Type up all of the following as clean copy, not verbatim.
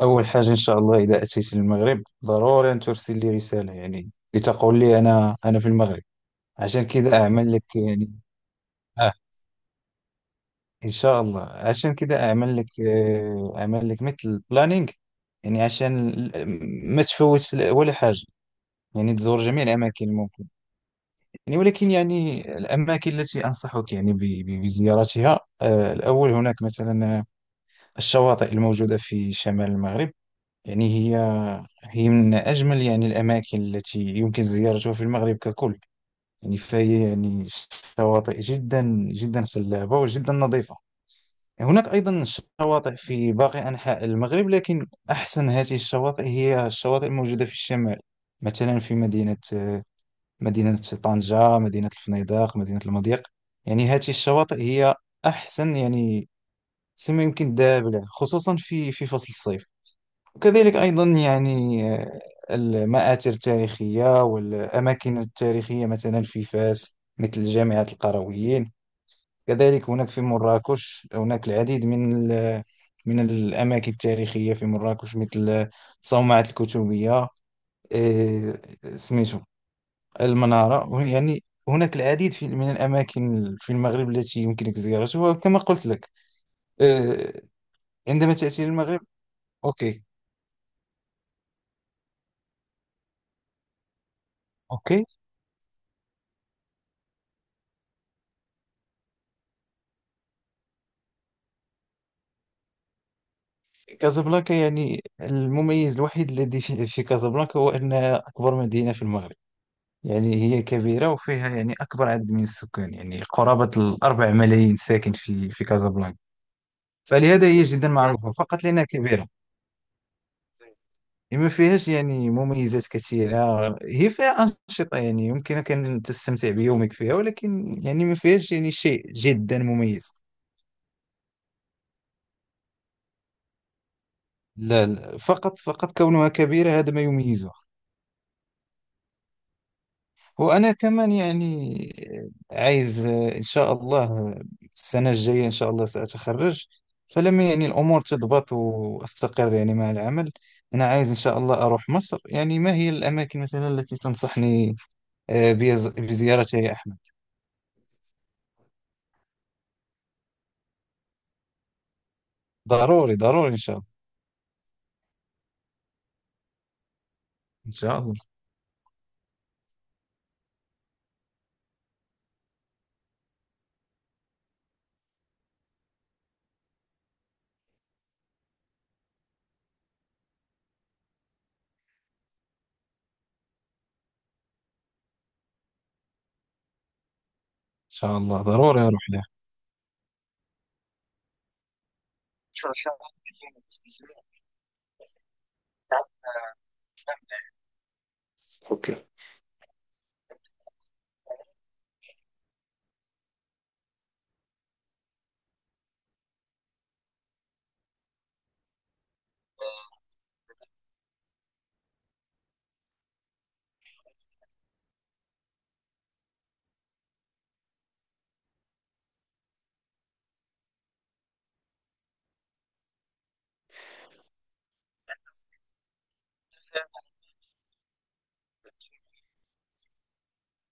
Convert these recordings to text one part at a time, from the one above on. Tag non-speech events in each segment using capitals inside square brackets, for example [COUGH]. أول حاجة إن شاء الله إذا أتيت للمغرب ضروري أن ترسل لي رسالة، يعني لتقول لي أنا في المغرب عشان كذا أعمل لك يعني. آه إن شاء الله عشان كذا أعمل لك، أعمل لك مثل بلانينغ، يعني عشان ما تفوت ولا حاجة، يعني تزور جميع الأماكن الممكن. يعني ولكن يعني الأماكن التي أنصحك يعني بزيارتها، الأول هناك مثلا الشواطئ الموجودة في شمال المغرب. يعني هي من أجمل يعني الأماكن التي يمكن زيارتها في المغرب ككل. يعني فهي يعني شواطئ جدا جدا خلابة وجدا نظيفة. هناك أيضا شواطئ في باقي أنحاء المغرب، لكن أحسن هذه الشواطئ هي الشواطئ الموجودة في الشمال، مثلا في مدينة طنجة، مدينة الفنيدق، مدينة المضيق. يعني هذه الشواطئ هي أحسن، يعني سما يمكن دابلة، خصوصا في فصل الصيف. وكذلك أيضا يعني، المآثر التاريخية والأماكن التاريخية مثلا في فاس مثل جامعة القرويين. كذلك هناك في مراكش هناك العديد من الأماكن التاريخية في مراكش، مثل صومعة الكتبية، آه، سميتو المنارة. يعني هناك العديد من الأماكن في المغرب التي يمكنك زيارتها، وكما قلت لك آه، عندما تأتي للمغرب. أوكي أوكي. كازابلانكا يعني المميز الوحيد الذي في كازابلانكا هو أنها أكبر مدينة في المغرب. يعني هي كبيرة وفيها يعني أكبر عدد من السكان، يعني قرابة الأربع ملايين ساكن في كازابلانكا. فلهذا هي جدا معروفة فقط لأنها كبيرة. ما فيهاش يعني مميزات كثيرة. هي فيها أنشطة، يعني يمكنك أن تستمتع بيومك فيها، ولكن يعني ما فيهاش يعني شيء جدا مميز. لا لا، فقط كونها كبيرة، هذا ما يميزها. وأنا كمان يعني عايز إن شاء الله، السنة الجاية إن شاء الله سأتخرج، فلما يعني الأمور تضبط وأستقر يعني مع العمل، أنا عايز إن شاء الله أروح مصر. يعني ما هي الأماكن مثلا التي تنصحني بزيارتها يا أحمد؟ ضروري إن شاء الله. إن شاء الله ضروري أروح لها.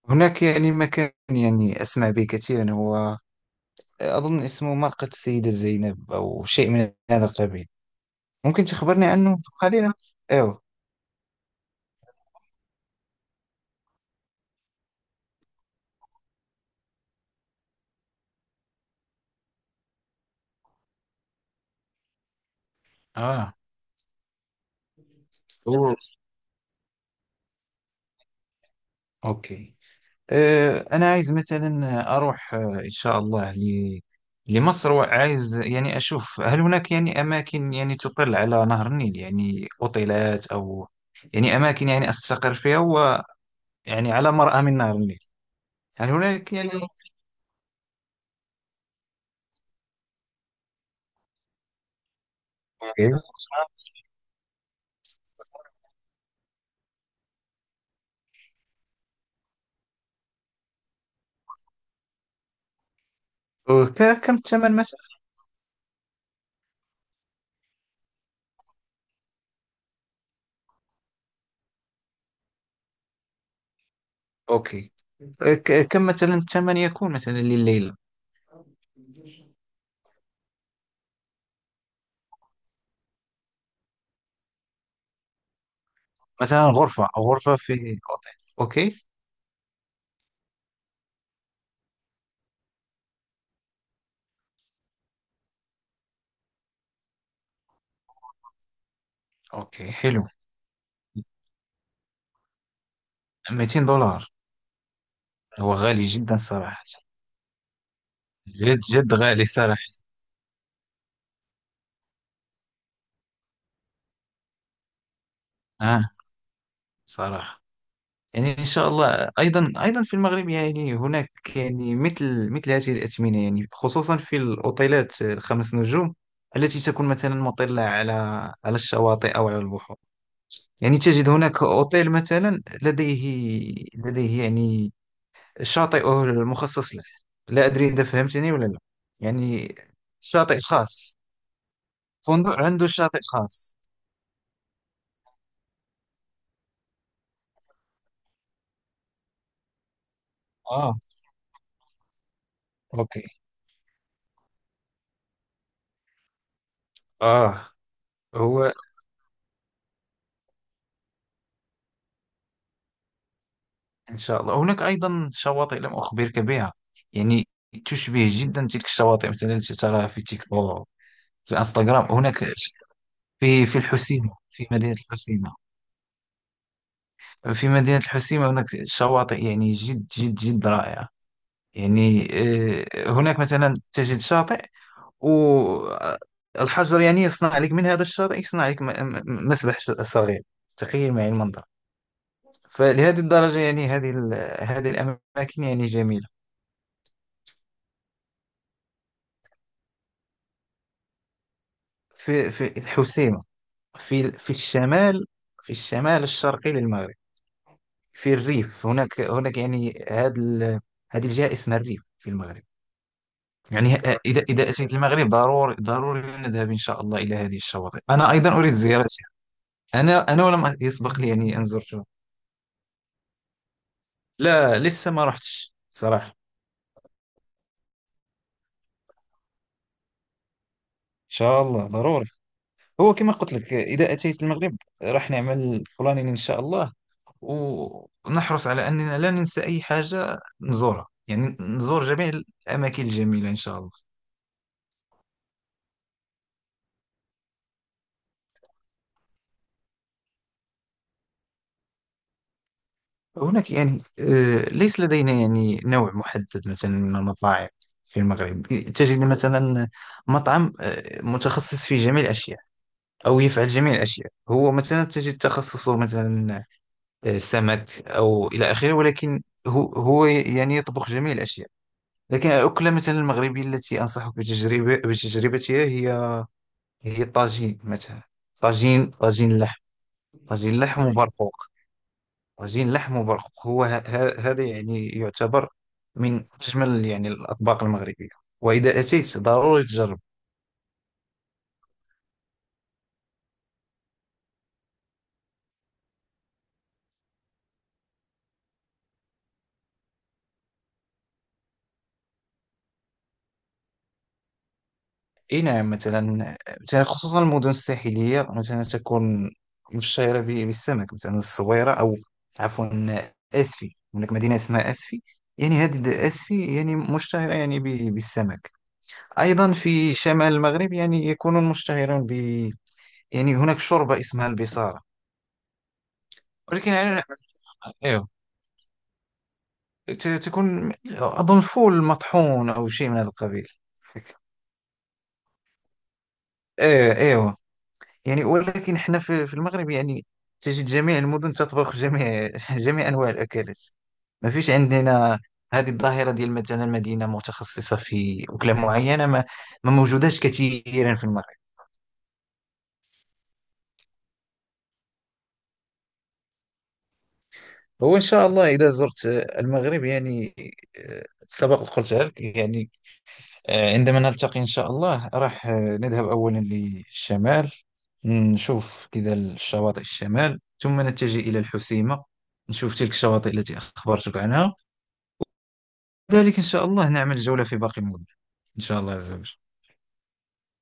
هناك يعني مكان يعني أسمع به كثيرا، هو أظن اسمه مرقد السيدة زينب أو شيء من هذا القبيل. ممكن تخبرني عنه قليلا؟ ايوه. اه. أوه. اوكي. أه، انا عايز مثلا اروح، ان شاء الله ل... لمصر. وعايز يعني اشوف هل هناك يعني اماكن يعني تطل على نهر النيل، يعني اوتيلات او يعني اماكن يعني استقر فيها، ويعني على مرأى من نهر النيل. هل هناك يعني؟ أوكي. كم الثمن مثلا؟ اوكي. كم مثلا الثمن يكون مثلا لليلة؟ مثلا غرفة في أوتيل. أوكي. أوكي، حلو. $200، هو غالي جدا صراحة. جد جد غالي صراحة. آه صراحة. يعني إن شاء الله أيضا في المغرب يعني هناك يعني مثل هذه الأثمنة، يعني خصوصا في الأوتيلات الخمس نجوم التي تكون مثلا مطلة على الشواطئ أو على البحور. يعني تجد هناك أوتيل مثلا لديه يعني شاطئ مخصص له. لا أدري إذا فهمتني ولا لا. يعني شاطئ خاص، فندق عنده شاطئ خاص. آه أوكي. آه. هو إن شاء الله هناك أيضا شواطئ لم أخبرك بها، يعني تشبه جدا تلك الشواطئ مثلا التي تراها في تيك توك، في انستغرام. هناك في في الحسيمة. في مدينة الحسيمة هناك شواطئ يعني جد جد جد رائعة. يعني، هناك مثلا تجد شاطئ والحجر يعني يصنع لك من هذا الشاطئ، يصنع لك مسبح صغير. تخيل معي المنظر. فلهذه الدرجة يعني هذه الأماكن يعني جميلة. في الحسيمة، في الشمال، في الشمال الشرقي للمغرب. في الريف، هناك يعني هذه الجهة اسمها الريف في المغرب. يعني إذا أتيت المغرب ضروري نذهب إن شاء الله إلى هذه الشواطئ. أنا أيضا أريد زيارتها. أنا ولم يسبق لي يعني أن زرتها. لا، لسه ما رحتش صراحة. إن شاء الله ضروري. هو كما قلت لك إذا أتيت المغرب راح نعمل بلانين إن شاء الله، ونحرص على أننا لا ننسى أي حاجة نزورها. يعني نزور جميع الأماكن الجميلة إن شاء الله. هناك يعني ليس لدينا يعني نوع محدد مثلا من المطاعم في المغرب. تجد مثلا مطعم متخصص في جميع الأشياء، أو يفعل جميع الأشياء. هو مثلا تجد تخصصه مثلا سمك أو إلى آخره، ولكن هو يعني يطبخ جميع الأشياء. لكن الأكلة مثلا المغربية التي أنصحك بتجربتها، هي طاجين مثلا. طاجين لحم. طاجين لحم وبرقوق. طاجين لحم وبرقوق هو هذا يعني يعتبر من أجمل يعني الأطباق المغربية، وإذا أتيت ضروري تجرب. إي نعم، مثلا مثلا خصوصا المدن الساحلية مثلا تكون مشهورة بالسمك، مثلا الصويرة أو، عفوا، أسفي. هناك مدينة اسمها أسفي. يعني هذه أسفي يعني مشتهرة يعني بالسمك. أيضا في شمال المغرب يعني يكونون مشتهرون، يعني هناك شوربة اسمها البصارة. ولكن يعني ايوه، تكون اظن فول مطحون او شيء من هذا القبيل. ايه ايوه. يعني ولكن احنا في المغرب يعني تجد جميع المدن تطبخ جميع [LAUGHS] جميع انواع الاكلات. ما فيش عندنا هذه الظاهرة ديال مثلا مدينة متخصصة في أكلة معينة. ما موجوداش كثيرا في المغرب. هو إن شاء الله إذا زرت المغرب يعني، سبق قلت لك يعني، عندما نلتقي إن شاء الله راح، نذهب أولا للشمال، نشوف كذا الشواطئ الشمال، ثم نتجه إلى الحسيمة. نشوف تلك الشواطئ التي أخبرتك عنها. ذلك إن شاء الله نعمل جولة في باقي المدن. إن شاء الله عز وجل.